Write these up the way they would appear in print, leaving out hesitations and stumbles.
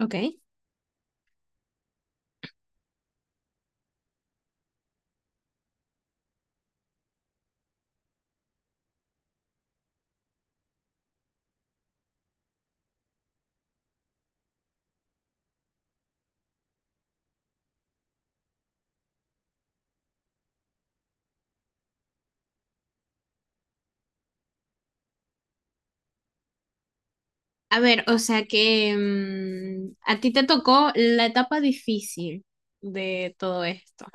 Ok. A ver, o sea que a ti te tocó la etapa difícil de todo esto.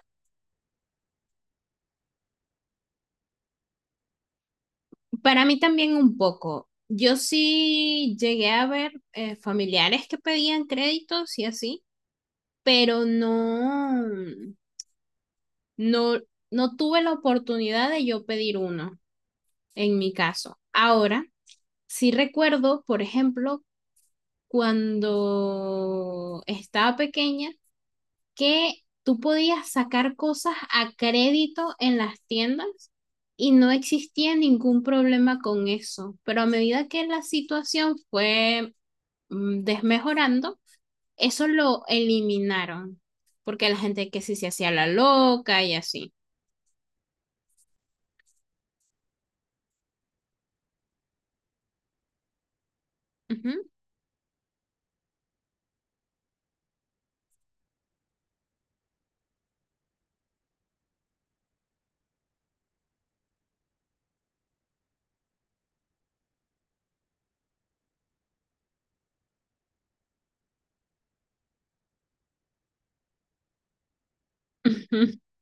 Para mí también un poco. Yo sí llegué a ver familiares que pedían créditos y así, pero no, no, no tuve la oportunidad de yo pedir uno en mi caso. Ahora, sí recuerdo, por ejemplo, cuando estaba pequeña que tú podías sacar cosas a crédito en las tiendas y no existía ningún problema con eso. Pero a medida que la situación fue desmejorando, eso lo eliminaron, porque la gente que sí se hacía la loca y así. Ujú.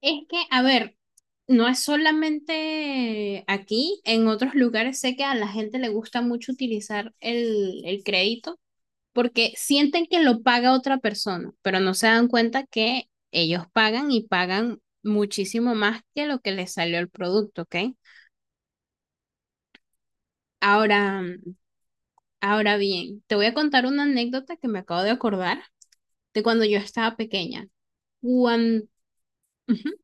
Es que, a ver, no es solamente aquí, en otros lugares sé que a la gente le gusta mucho utilizar el crédito porque sienten que lo paga otra persona, pero no se dan cuenta que ellos pagan y pagan muchísimo más que lo que les salió el producto, ¿ok? Ahora, ahora bien, te voy a contar una anécdota que me acabo de acordar de cuando yo estaba pequeña. Cuando... Uh-huh.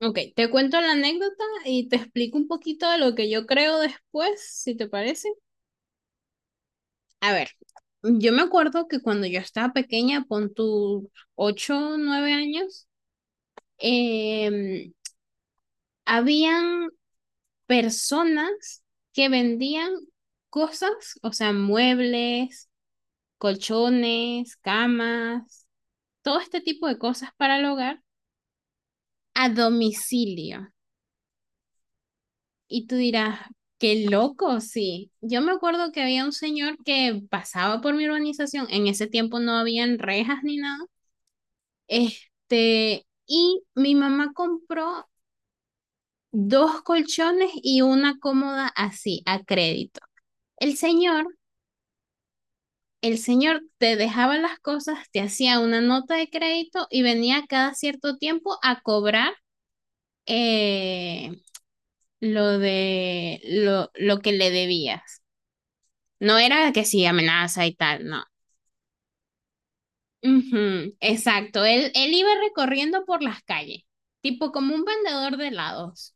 Ok, te cuento la anécdota y te explico un poquito de lo que yo creo después, si te parece. A ver, yo me acuerdo que cuando yo estaba pequeña, pon tus 8, 9 años, eh, habían personas que vendían cosas, o sea, muebles, colchones, camas, todo este tipo de cosas para el hogar a domicilio. Y tú dirás, qué loco, sí. Yo me acuerdo que había un señor que pasaba por mi urbanización, en ese tiempo no habían rejas ni nada, y mi mamá compró dos colchones y una cómoda así, a crédito. El señor el señor te dejaba las cosas, te hacía una nota de crédito y venía cada cierto tiempo a cobrar eh, lo que le debías. No era que sí, amenaza y tal, no. Ujú, exacto, él iba recorriendo por las calles, tipo como un vendedor de helados.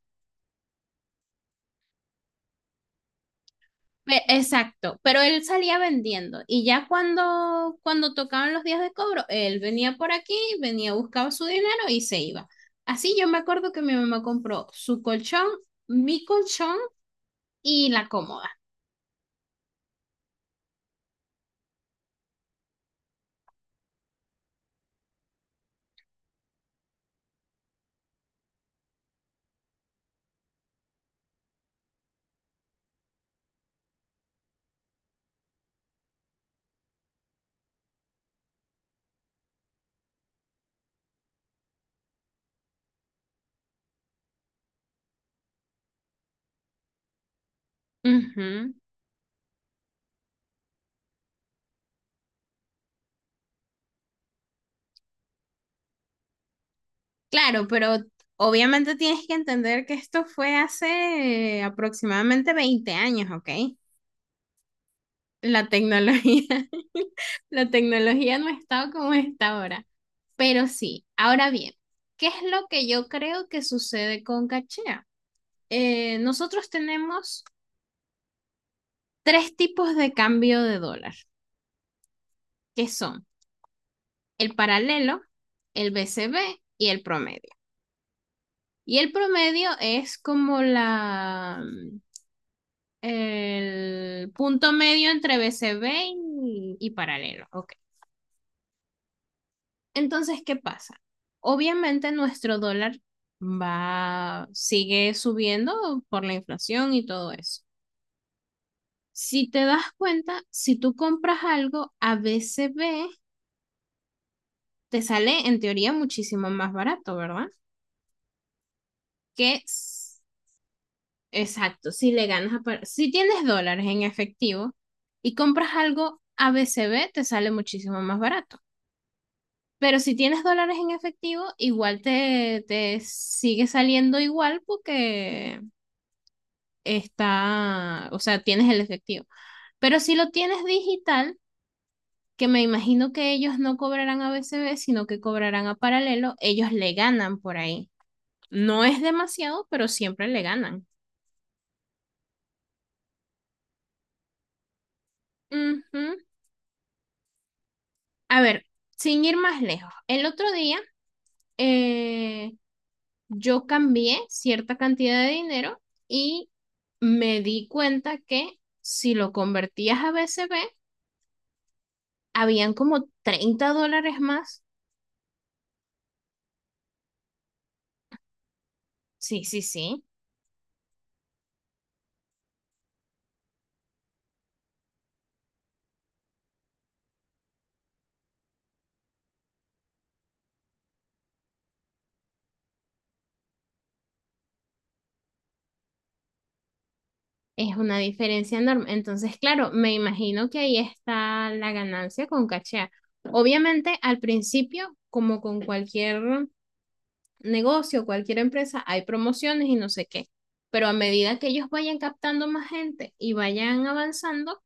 Exacto, pero él salía vendiendo y ya cuando tocaban los días de cobro, él venía por aquí, venía, buscaba su dinero y se iba. Así yo me acuerdo que mi mamá compró su colchón, mi colchón y la cómoda. Ujú. Claro, pero obviamente tienes que entender que esto fue hace aproximadamente 20 años, ¿ok? La tecnología, la tecnología no ha estado como está ahora, pero sí. Ahora bien, ¿qué es lo que yo creo que sucede con Cachea? Nosotros tenemos tres tipos de cambio de dólar, que son el paralelo, el BCB y el promedio. Y el promedio es como la el punto medio entre BCB y paralelo, ¿ok? Entonces, ¿qué pasa? Obviamente nuestro dólar sigue subiendo por la inflación y todo eso. Si te das cuenta, si tú compras algo a B C B te sale en teoría muchísimo más barato, ¿verdad? Que Exacto, si le ganas a si tienes dólares en efectivo y compras algo a B C B te sale muchísimo más barato. Pero si tienes dólares en efectivo, igual te sigue saliendo igual porque está, o sea, tienes el efectivo. Pero si lo tienes digital, que me imagino que ellos no cobrarán a BCB, sino que cobrarán a paralelo, ellos le ganan por ahí. No es demasiado, pero siempre le ganan. Uh -huh. A ver, sin ir más lejos, el otro día eh, yo cambié cierta cantidad de dinero y me di cuenta que si lo convertías a BCB, habían como $30 más. Sí, sí, sí. Es una diferencia enorme. Entonces, claro, me imagino que ahí está la ganancia con cachea. Obviamente, al principio, como con cualquier negocio, cualquier empresa, hay promociones y no sé qué. Pero a medida que ellos vayan captando más gente y vayan avanzando,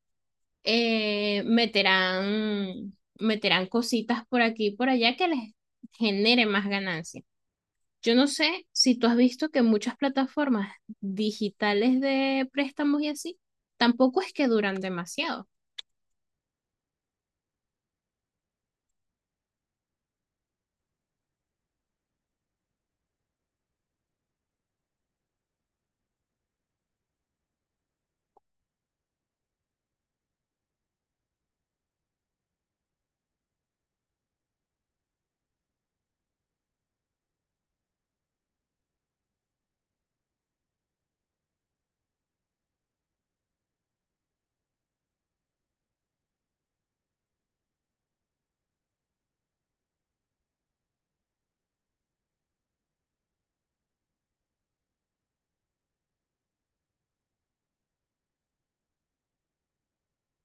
meterán cositas por aquí y por allá que les genere más ganancia. Yo no sé si tú has visto que muchas plataformas digitales de préstamos y así, tampoco es que duran demasiado.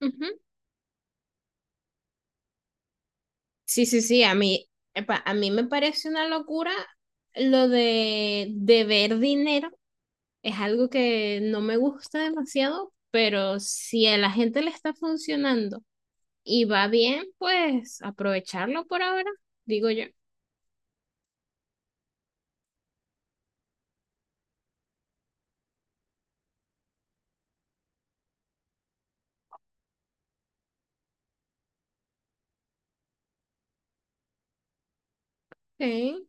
Ujú. Sí, sí, sí, a mí, epa, a mí me parece una locura lo de deber dinero. Es algo que no me gusta demasiado, pero si a la gente le está funcionando y va bien, pues aprovecharlo por ahora, digo yo. Ok,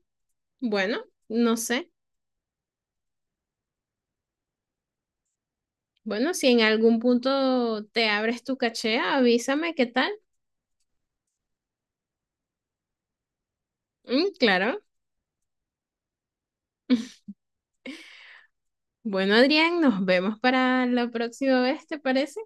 bueno, no sé. Bueno, si en algún punto te abres tu caché, avísame qué tal. Mm, claro. Bueno, Adrián, nos vemos para la próxima vez, ¿te parece?